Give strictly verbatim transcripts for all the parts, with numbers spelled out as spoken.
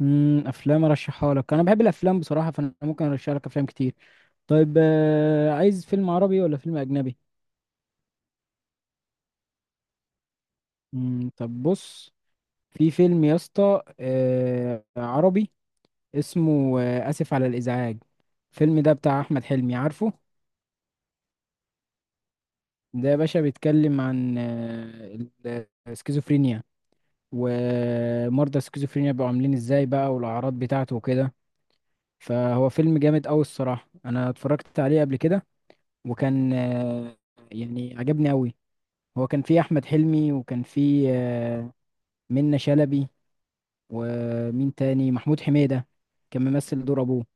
امم افلام ارشحها لك. انا بحب الافلام بصراحه، فانا ممكن ارشح لك افلام كتير. طيب آه، عايز فيلم عربي ولا فيلم اجنبي؟ امم طب بص. في فيلم يا اسطى، آه، عربي. اسمه آه، اسف على الازعاج. الفيلم ده بتاع احمد حلمي، عارفه؟ ده يا باشا بيتكلم عن آه، السكيزوفرينيا. ومرضى السكيزوفرينيا بيبقوا عاملين ازاي بقى، والاعراض بتاعته وكده. فهو فيلم جامد قوي الصراحه، انا اتفرجت عليه قبل كده. وكان آه، يعني عجبني قوي. هو كان فيه احمد حلمي، وكان فيه آه، منة شلبي. ومين تاني؟ محمود حميدة، كان ممثل دور ابوه.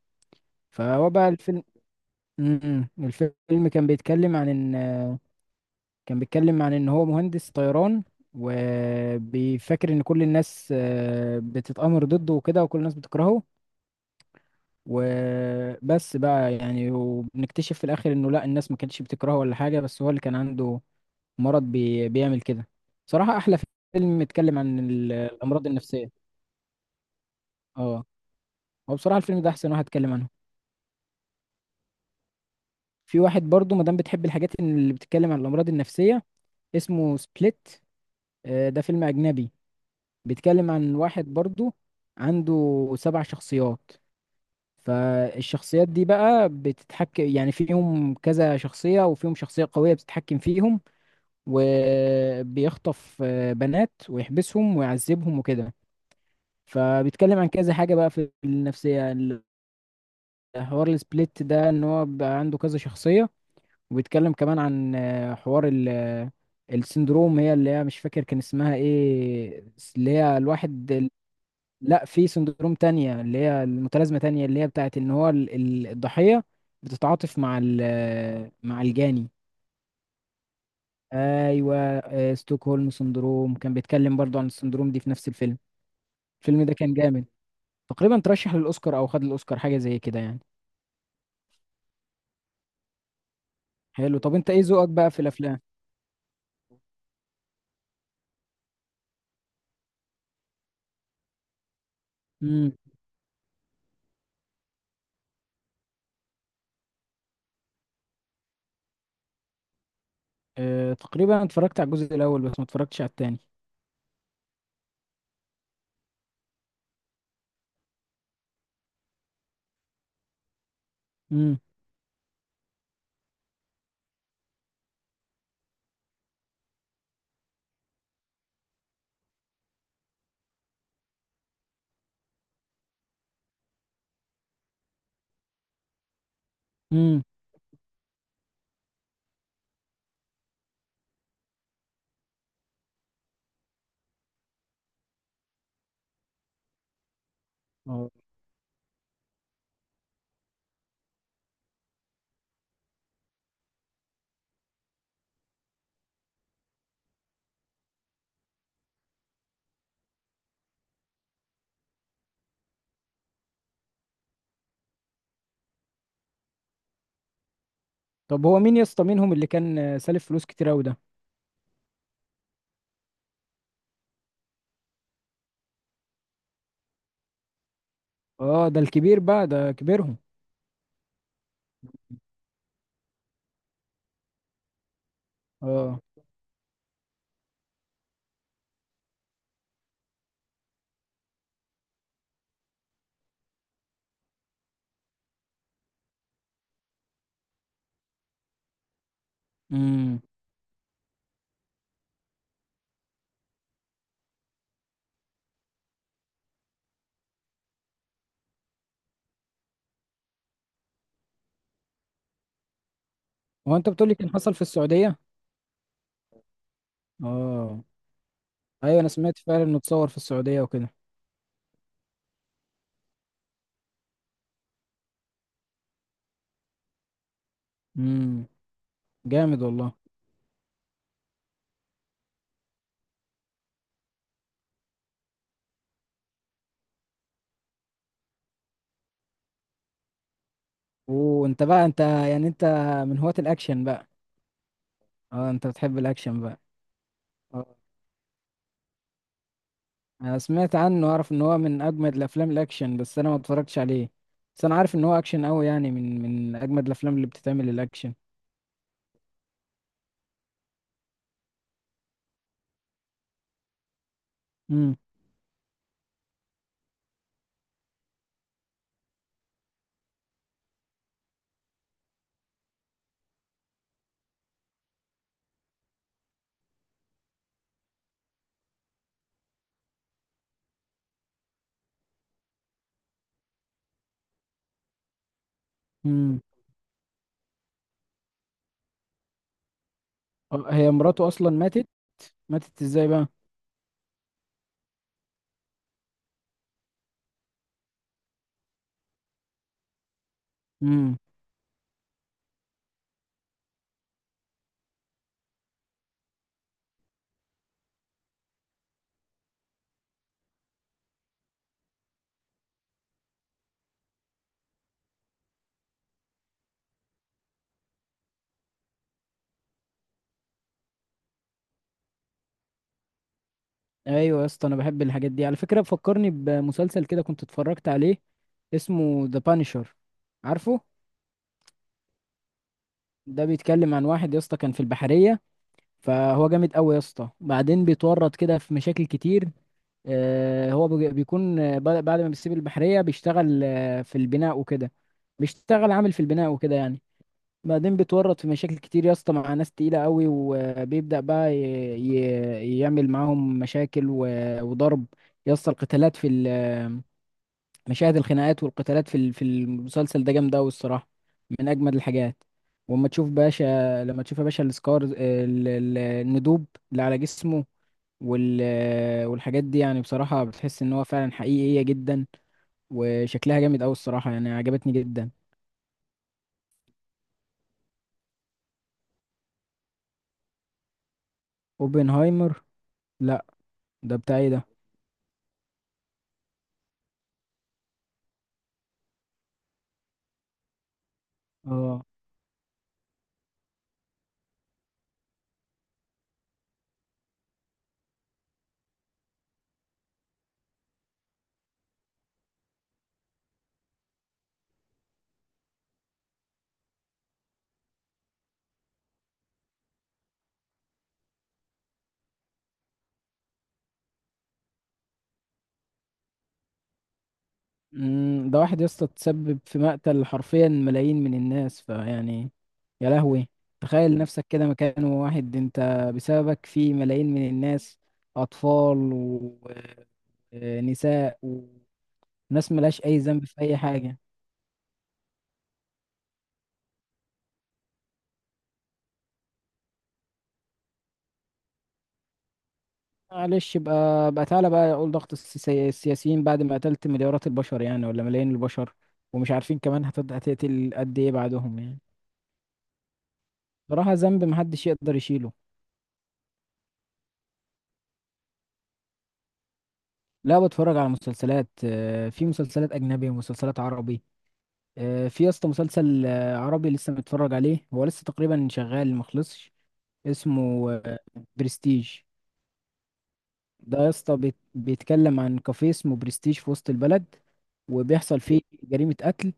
فهو بقى الفيلم. م- م. الفيلم كان بيتكلم عن ان آه، كان بيتكلم عن ان هو مهندس طيران، وبيفكر ان كل الناس آه، بتتآمر ضده وكده، وكل الناس بتكرهه. وبس بقى يعني، وبنكتشف في الاخر انه لا، الناس ما كانتش بتكرهه ولا حاجة، بس هو اللي كان عنده مرض بي... بيعمل كده. بصراحة أحلى فيلم اتكلم عن ال- الأمراض النفسية. اه، هو بصراحة الفيلم ده أحسن واحد اتكلم عنه. في واحد برضو مادام بتحب الحاجات اللي بتتكلم عن الأمراض النفسية، اسمه سبليت. ده فيلم أجنبي، بيتكلم عن واحد برضو عنده سبع شخصيات. فالشخصيات دي بقى بتتحكم يعني فيهم كذا شخصية، وفيهم شخصية قوية بتتحكم فيهم. وبيخطف آه، بنات ويحبسهم ويعذبهم وكده. فبيتكلم عن كذا حاجة بقى في النفسية. الحوار، السبليت ده ان هو بقى عنده كذا شخصية. وبيتكلم كمان عن آه، حوار ال آه، السندروم. هي اللي هي مش فاكر كان اسمها ايه، س- اللي هي الواحد ال- لا، في سندروم تانية اللي هي المتلازمة، تانية اللي هي بتاعت ان هو ال- ال- الضحية بتتعاطف مع ال- آه، مع الجاني. ايوه، آه، ستوكهولم سندروم، كان بيتكلم برضو عن السندروم دي في نفس الفيلم. الفيلم ده كان جامد، تقريبا ترشح للاوسكار او خد الاوسكار، حاجة زي كده يعني. حلو، طب انت ايه ذوقك بقى في الافلام؟ امم. اه، تقريبا اتفرجت على الجزء الاول بس ما اتفرجتش على التاني. امم، امم، اه، طب هو مين يا اسطى منهم اللي كان آه، سالف فلوس كتير قوي ده؟ اه، ده الكبير بقى، ده كبيرهم. اه، امم. هو انت بتقولي كان حصل في السعودية؟ اه. ايوه، انا سمعت فعلا انه اتصور في السعودية وكده. امم. جامد والله. وانت بقى، انت يعني، انت من هواة الاكشن بقى؟ اه، انت بتحب الاكشن بقى؟ آه. انا سمعت عنه، اعرف ان هو من اجمد الافلام الاكشن بس انا ما اتفرجتش عليه. بس انا عارف ان هو اكشن قوي يعني، من من اجمد الافلام اللي بتتعمل الاكشن. امم. امم. هي مراته اصلا ماتت؟ ماتت ازاي بقى؟ امم. ايوه يا اسطى، انا بحب الحاجات دي على فكره، بفكرني بمسلسل كده كنت اتفرجت عليه، اسمه ذا بانشر، عارفه؟ ده بيتكلم عن واحد يا اسطى كان في البحريه. فهو جامد قوي يا اسطى، بعدين بيتورط كده في مشاكل كتير. آه، هو بي- بيكون آه، بعد بعد ما بيسيب البحرية بيشتغل آه، في البناء وكده. بيشتغل عامل في البناء وكده يعني. بعدين بيتورط في مشاكل كتير يا اسطى مع ناس تقيلة قوي، وبيبدأ بقى ي- ي- يعمل معاهم مشاكل و- وضرب. يا اسطى القتالات في ال مشاهد الخناقات والقتالات في ال- في المسلسل ده جامده قوي الصراحه، من اجمد الحاجات. واما تشوف باشا، لما تشوف يا باشا السكار، ال- ال- الندوب اللي على جسمه، وال والحاجات دي، يعني بصراحه بتحس ان هو فعلا حقيقيه جدا. وشكلها جامد قوي الصراحه، يعني عجبتني جدا. اوبنهايمر؟ لا. ده بتاعي ده. اه. مم، ده واحد يا اسطى تسبب في مقتل حرفيا ملايين من الناس، فيعني، يا لهوي! تخيل نفسك كده مكان واحد. انت بسببك في ملايين من الناس، اطفال ونساء وناس ملهاش اي ذنب في اي حاجة. معلش بقى، بقى تعالى بقى اقول ضغط السياسي- السياسيين بعد ما قتلت مليارات البشر، يعني ولا ملايين البشر، ومش عارفين كمان هتد- هتقتل قد ايه بعدهم يعني. بصراحة ذنب محدش يقدر يشيله. لا، بتفرج على مسلسلات. آه، في مسلسلات أجنبي ومسلسلات عربي. آه، في يا اسطى مسلسل آه، عربي لسه متفرج عليه، هو لسه تقريبا شغال مخلصش. اسمه آه، برستيج. ده يا اسطى بيت- بيتكلم عن كافيه اسمه برستيج في وسط البلد، وبيحصل فيه جريمة قتل.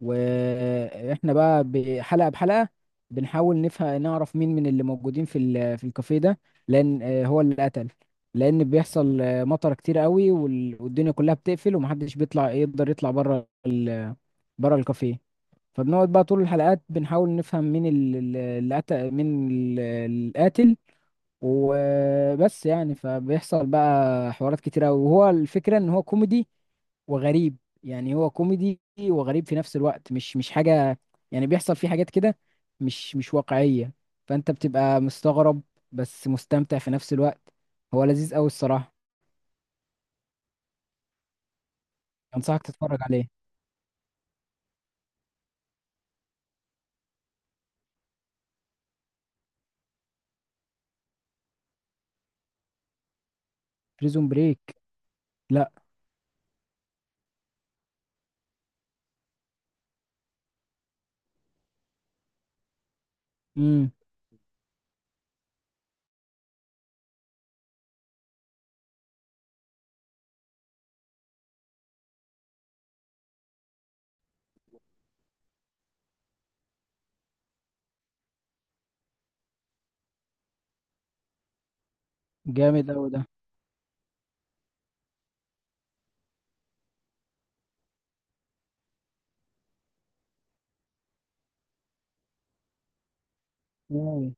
واحنا بقى بحلقه بحلقه بنحاول نفهم، نعرف مين من اللي موجودين في ال- في الكافيه ده لان آه، هو اللي قتل. لان بيحصل آه، مطر كتير قوي، وال- والدنيا كلها بتقفل ومحدش بيطلع، يقدر يطلع بره ال- بره الكافيه. فبنقعد بقى طول الحلقات بنحاول نفهم مين ال- ال- اللي قتل، مين ال- القاتل. وبس يعني، فبيحصل بقى حوارات كتيرة أوي. وهو الفكرة ان هو كوميدي وغريب. يعني هو كوميدي وغريب في نفس الوقت، مش مش حاجة. يعني بيحصل فيه حاجات كده مش مش واقعية، فانت بتبقى مستغرب بس مستمتع في نفس الوقت. هو لذيذ قوي الصراحة، انصحك تتفرج عليه. بريزون بريك؟ لا. امم. جامد قوي ده. مم.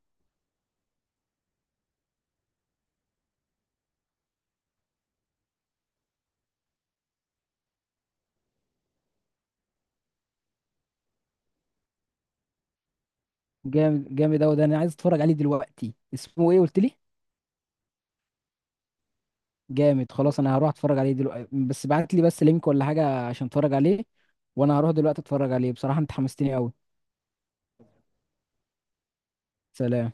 جامد جامد قوي ده، انا عايز اتفرج عليه دلوقتي. اسمه ايه قلت لي؟ جامد، خلاص انا هروح اتفرج عليه دلوقتي، بس ابعت لي بس لينك ولا حاجه عشان اتفرج عليه. وانا هروح دلوقتي اتفرج عليه، بصراحه انت حمستني قوي. سلام.